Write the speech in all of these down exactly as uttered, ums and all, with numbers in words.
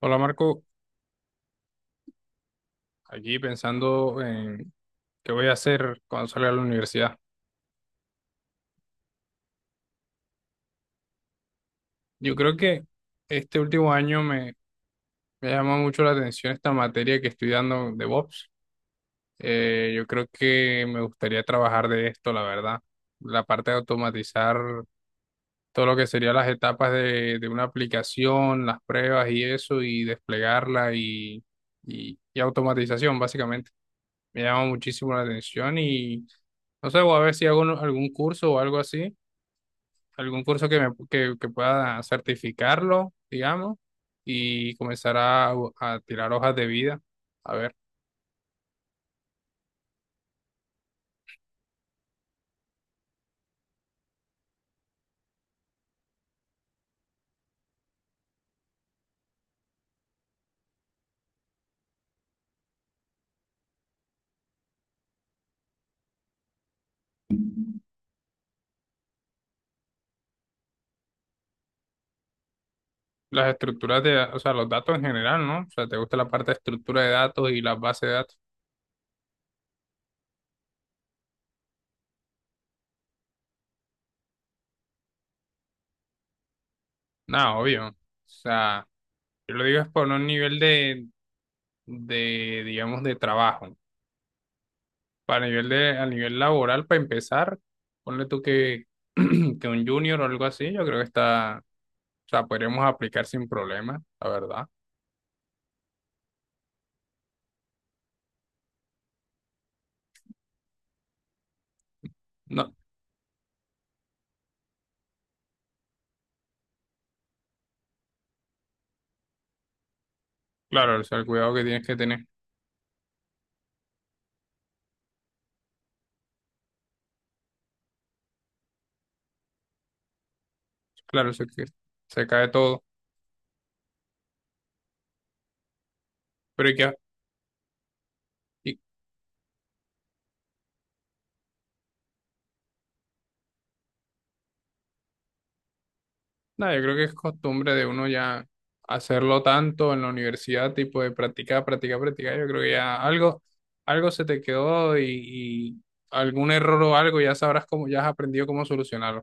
Hola Marco, aquí pensando en qué voy a hacer cuando salga de la universidad. Yo creo que este último año me, me llama mucho la atención esta materia que estoy dando de DevOps. Eh, yo creo que me gustaría trabajar de esto, la verdad. La parte de automatizar todo lo que serían las etapas de, de una aplicación, las pruebas y eso, y desplegarla y, y, y automatización, básicamente. Me llama muchísimo la atención y no sé, voy a ver si hago un- algún curso o algo así, algún curso que, me, que, que pueda certificarlo, digamos, y comenzar a, a tirar hojas de vida. A ver, las estructuras de, da- o sea, los datos en general, ¿no? O sea, ¿te gusta la parte de estructura de datos y las bases de datos? Nada, obvio. O sea, yo lo digo es por un nivel de, de, digamos, de trabajo. Para nivel de, a nivel laboral, para empezar, ponle tú que, que un junior o algo así, yo creo que está, o sea, podríamos aplicar sin problema, la verdad. No. Claro, o sea, el cuidado que tienes que tener. Claro, se, que- se cae todo. Pero y que, y, nada, yo creo que es costumbre de uno ya hacerlo tanto en la universidad, tipo de practicar, practicar, practicar. Yo creo que ya algo, algo se te quedó y, y algún error o algo ya sabrás cómo, ya has aprendido cómo solucionarlo.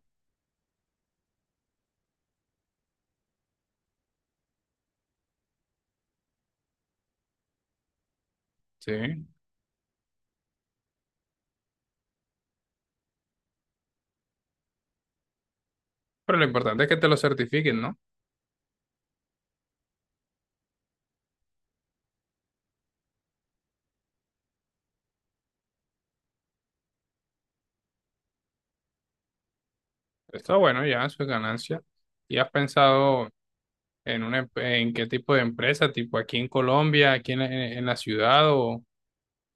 Sí. Pero lo importante es que te lo certifiquen, ¿no? Está bueno, ya, eso es ganancia. ¿Y has pensado en una, em- en qué tipo de empresa, tipo aquí en Colombia, aquí en, en en la ciudad o...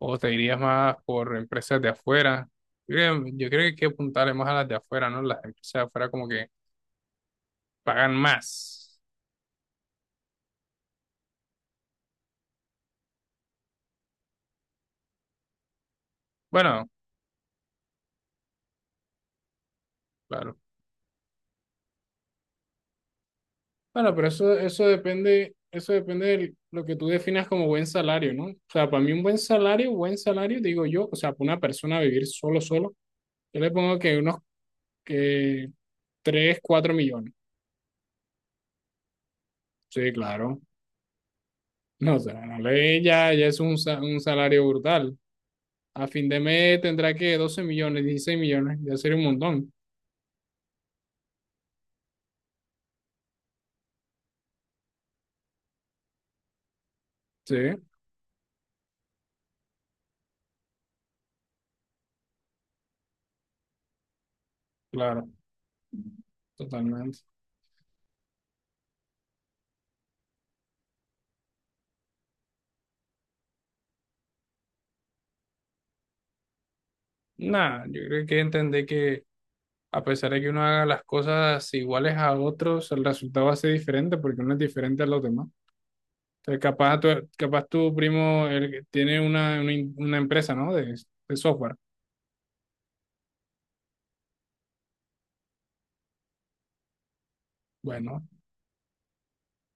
¿O te irías más por empresas de afuera? Yo creo, yo creo que hay que apuntarle más a las de afuera, ¿no? Las empresas de afuera como que pagan más. Bueno, claro. Bueno, pero eso, eso depende, eso depende de lo que tú definas como buen salario, ¿no? O sea, para mí un buen salario, buen salario, digo yo, o sea, para una persona vivir solo, solo, yo le pongo que unos que tres cuatro millones. Sí, claro. No, o sea, no le- ya, ya es un, sa- un salario brutal. A fin de mes tendrá que doce millones, dieciséis millones, ya sería un montón. Sí, claro, totalmente. Nada, yo creo que entender que a pesar de que uno haga las cosas iguales a otros, el resultado va a ser diferente porque uno es diferente a los demás. Entonces, capaz tu, capaz tu primo el que tiene una, una, in- una empresa, ¿no? De, de software. Bueno,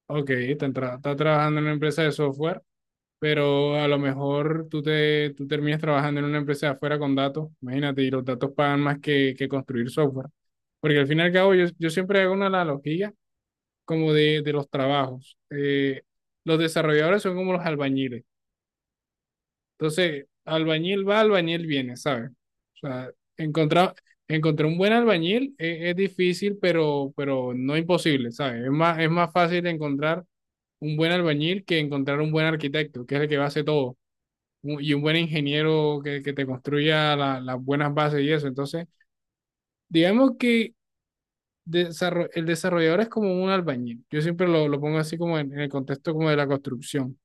ok, está, entra- está trabajando en una empresa de software, pero a lo mejor tú, te, tú terminas trabajando en una empresa de afuera con datos, imagínate, y los datos pagan más que, que construir software. Porque al fin y al cabo yo, yo siempre hago una analogía como de, de los trabajos. Eh, los desarrolladores son como los albañiles. Entonces, albañil va, albañil viene, ¿sabes? O sea, encontrar, encontrar un buen albañil es, es difícil, pero, pero no imposible, ¿sabes? Es más, es más fácil encontrar un buen albañil que encontrar un buen arquitecto, que es el que va a hacer todo un- y un buen ingeniero que, que te construya la- las buenas bases y eso. Entonces, digamos que desarro- el desarrollador es como un albañil. Yo siempre lo, lo pongo así como en, en el contexto como de la construcción.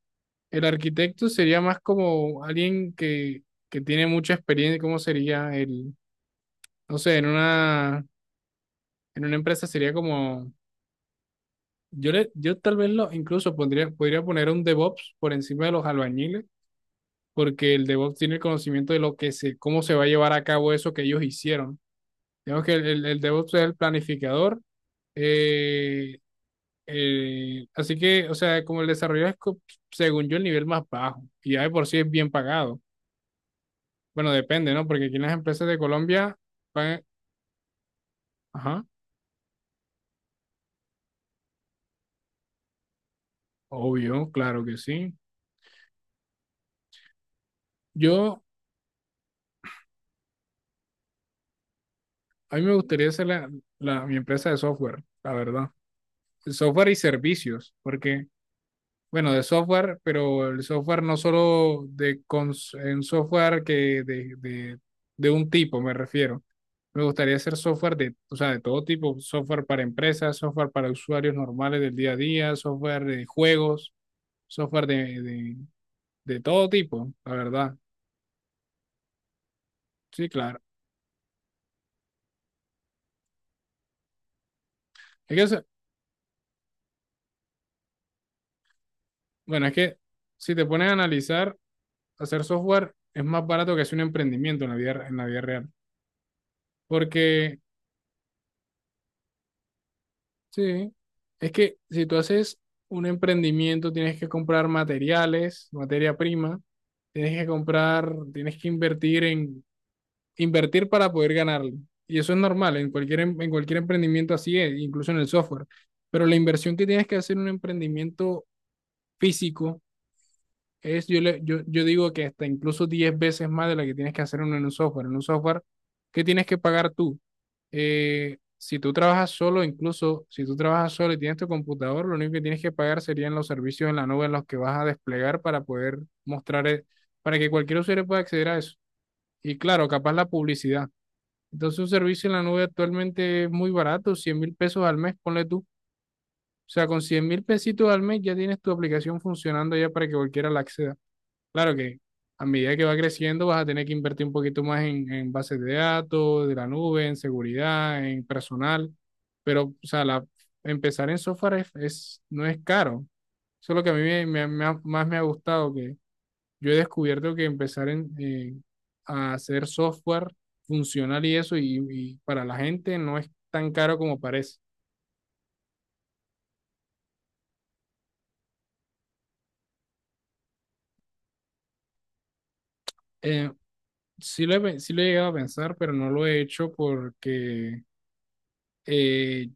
El arquitecto sería más como alguien que, que tiene mucha experiencia, ¿cómo sería el, no sé, en una, en una empresa sería como, yo, le, yo tal vez lo incluso pondría, podría poner un DevOps por encima de los albañiles, porque el DevOps tiene el conocimiento de lo que se, cómo se va a llevar a cabo eso que ellos hicieron. Digamos que el, el- el DevOps es el planificador. eh, eh, así que, o sea, como el desarrollo es, co- según yo, el nivel más bajo y ya de por sí es bien pagado. Bueno, depende, ¿no? Porque aquí en las empresas de Colombia pagan, ajá, obvio, claro que sí. Yo, a mí me gustaría hacer la, la- mi empresa de software, la verdad. El software y servicios, porque, bueno, de software, pero el software no solo de cons- en software que de, de de un tipo, me refiero. Me gustaría hacer software de, o sea, de todo tipo, software para empresas, software para usuarios normales del día a día, software de juegos, software de, de, de todo tipo, la verdad. Sí, claro. Es que, eso- bueno, es que si te pones a analizar, hacer software es más barato que hacer un emprendimiento en la vida, en la vida real. Porque, sí, es que si tú haces un emprendimiento, tienes que comprar materiales, materia prima. Tienes que comprar, tienes que invertir en invertir para poder ganarle. Y eso es normal, en cualquier, em- en cualquier emprendimiento así es, incluso en el software. Pero la inversión que tienes que hacer en un emprendimiento físico es, yo, le- yo, yo digo que hasta incluso diez veces más de la que tienes que hacer en un software. En un software, ¿qué tienes que pagar tú? Eh, si tú trabajas solo, incluso si tú trabajas solo y tienes tu computador, lo único que tienes que pagar serían los servicios en la nube en los que vas a desplegar para poder mostrar, eh, para que cualquier usuario pueda acceder a eso. Y claro, capaz la publicidad. Entonces, un servicio en la nube actualmente es muy barato, cien mil pesos al mes, ponle tú. O sea, con cien mil pesitos al mes ya tienes tu aplicación funcionando ya para que cualquiera la acceda. Claro que a medida que va creciendo vas a tener que invertir un poquito más en, en bases de datos, de la nube, en seguridad, en personal. Pero, o sea, la, empezar en software es, es- no es caro. Eso es lo que a mí me- me- me ha- más me ha gustado, que yo he descubierto que empezar en, eh, a hacer software funcional y eso, y, y para la gente no es tan caro como parece. Eh, sí lo he, pe- sí lo he llegado a pensar, pero no lo he hecho porque, eh,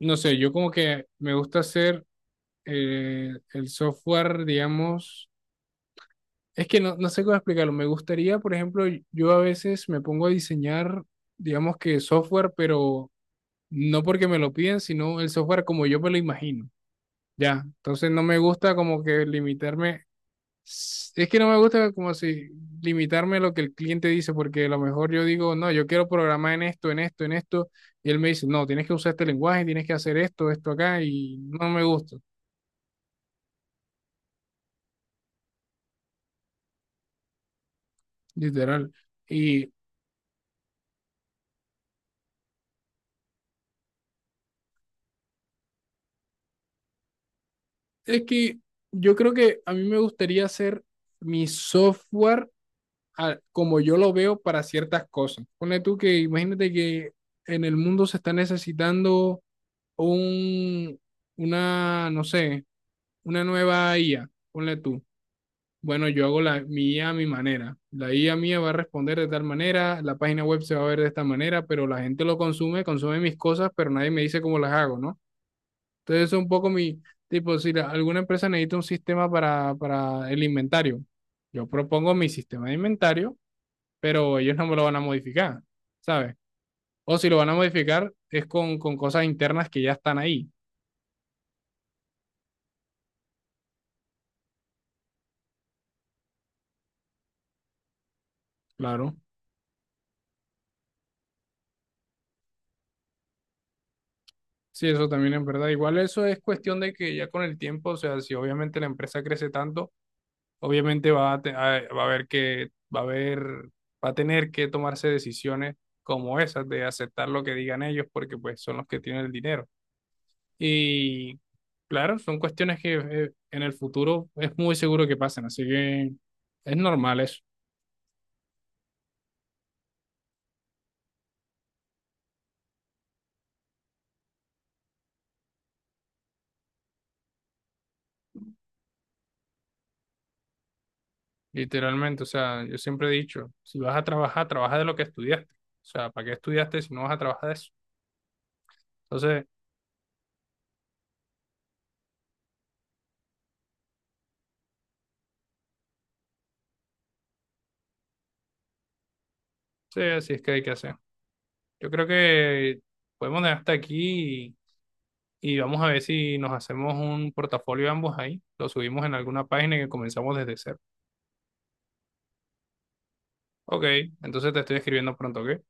no sé, yo como que me gusta hacer eh, el software, digamos, es que no, no sé cómo explicarlo. Me gustaría, por ejemplo, yo a veces me pongo a diseñar, digamos que software, pero no porque me lo piden, sino el software como yo me lo imagino. Ya, entonces no me gusta como que limitarme, s- es que no me gusta como si limitarme a lo que el cliente dice, porque a lo mejor yo digo, no, yo quiero programar en esto, en esto, en esto, y él me dice, no, tienes que usar este lenguaje, tienes que hacer esto, esto acá, y no me gusta, literal. Y es que yo creo que a mí me gustaría hacer mi software a- como yo lo veo para ciertas cosas. Pone tú que imagínate que en el mundo se está necesitando un, una, no sé, una nueva I A, ponle tú. Bueno, yo hago la, mi IA a a mi manera. La I A mía va a responder de tal manera, la página web se va a ver de esta manera, pero la gente lo consume, consume mis cosas, pero nadie me dice cómo las hago, ¿no? Entonces, eso es un poco mi, tipo, si la- alguna empresa necesita un sistema para, para el inventario, yo propongo mi sistema de inventario, pero ellos no me lo van a modificar, ¿sabes? O si lo van a modificar es con, con cosas internas que ya están ahí, claro. Sí, eso también es verdad. Igual eso es cuestión de que ya con el tiempo, o sea, si obviamente la empresa crece tanto, obviamente va a, te- a- va a haber que, va a haber, va a tener que tomarse decisiones como esas de aceptar lo que digan ellos porque pues son los que tienen el dinero. Y claro, son cuestiones que eh, en el futuro es muy seguro que pasen, así que es normal eso. Literalmente, o sea, yo siempre he dicho, si vas a trabajar, trabaja de lo que estudiaste. O sea, ¿para qué estudiaste si no vas a trabajar de eso? Entonces, sí, así es que hay que hacer. Yo creo que podemos dejar hasta aquí y, y vamos a ver si nos hacemos un portafolio ambos ahí. Lo subimos en alguna página que comenzamos desde cero. Ok, entonces te estoy escribiendo pronto, ¿ok?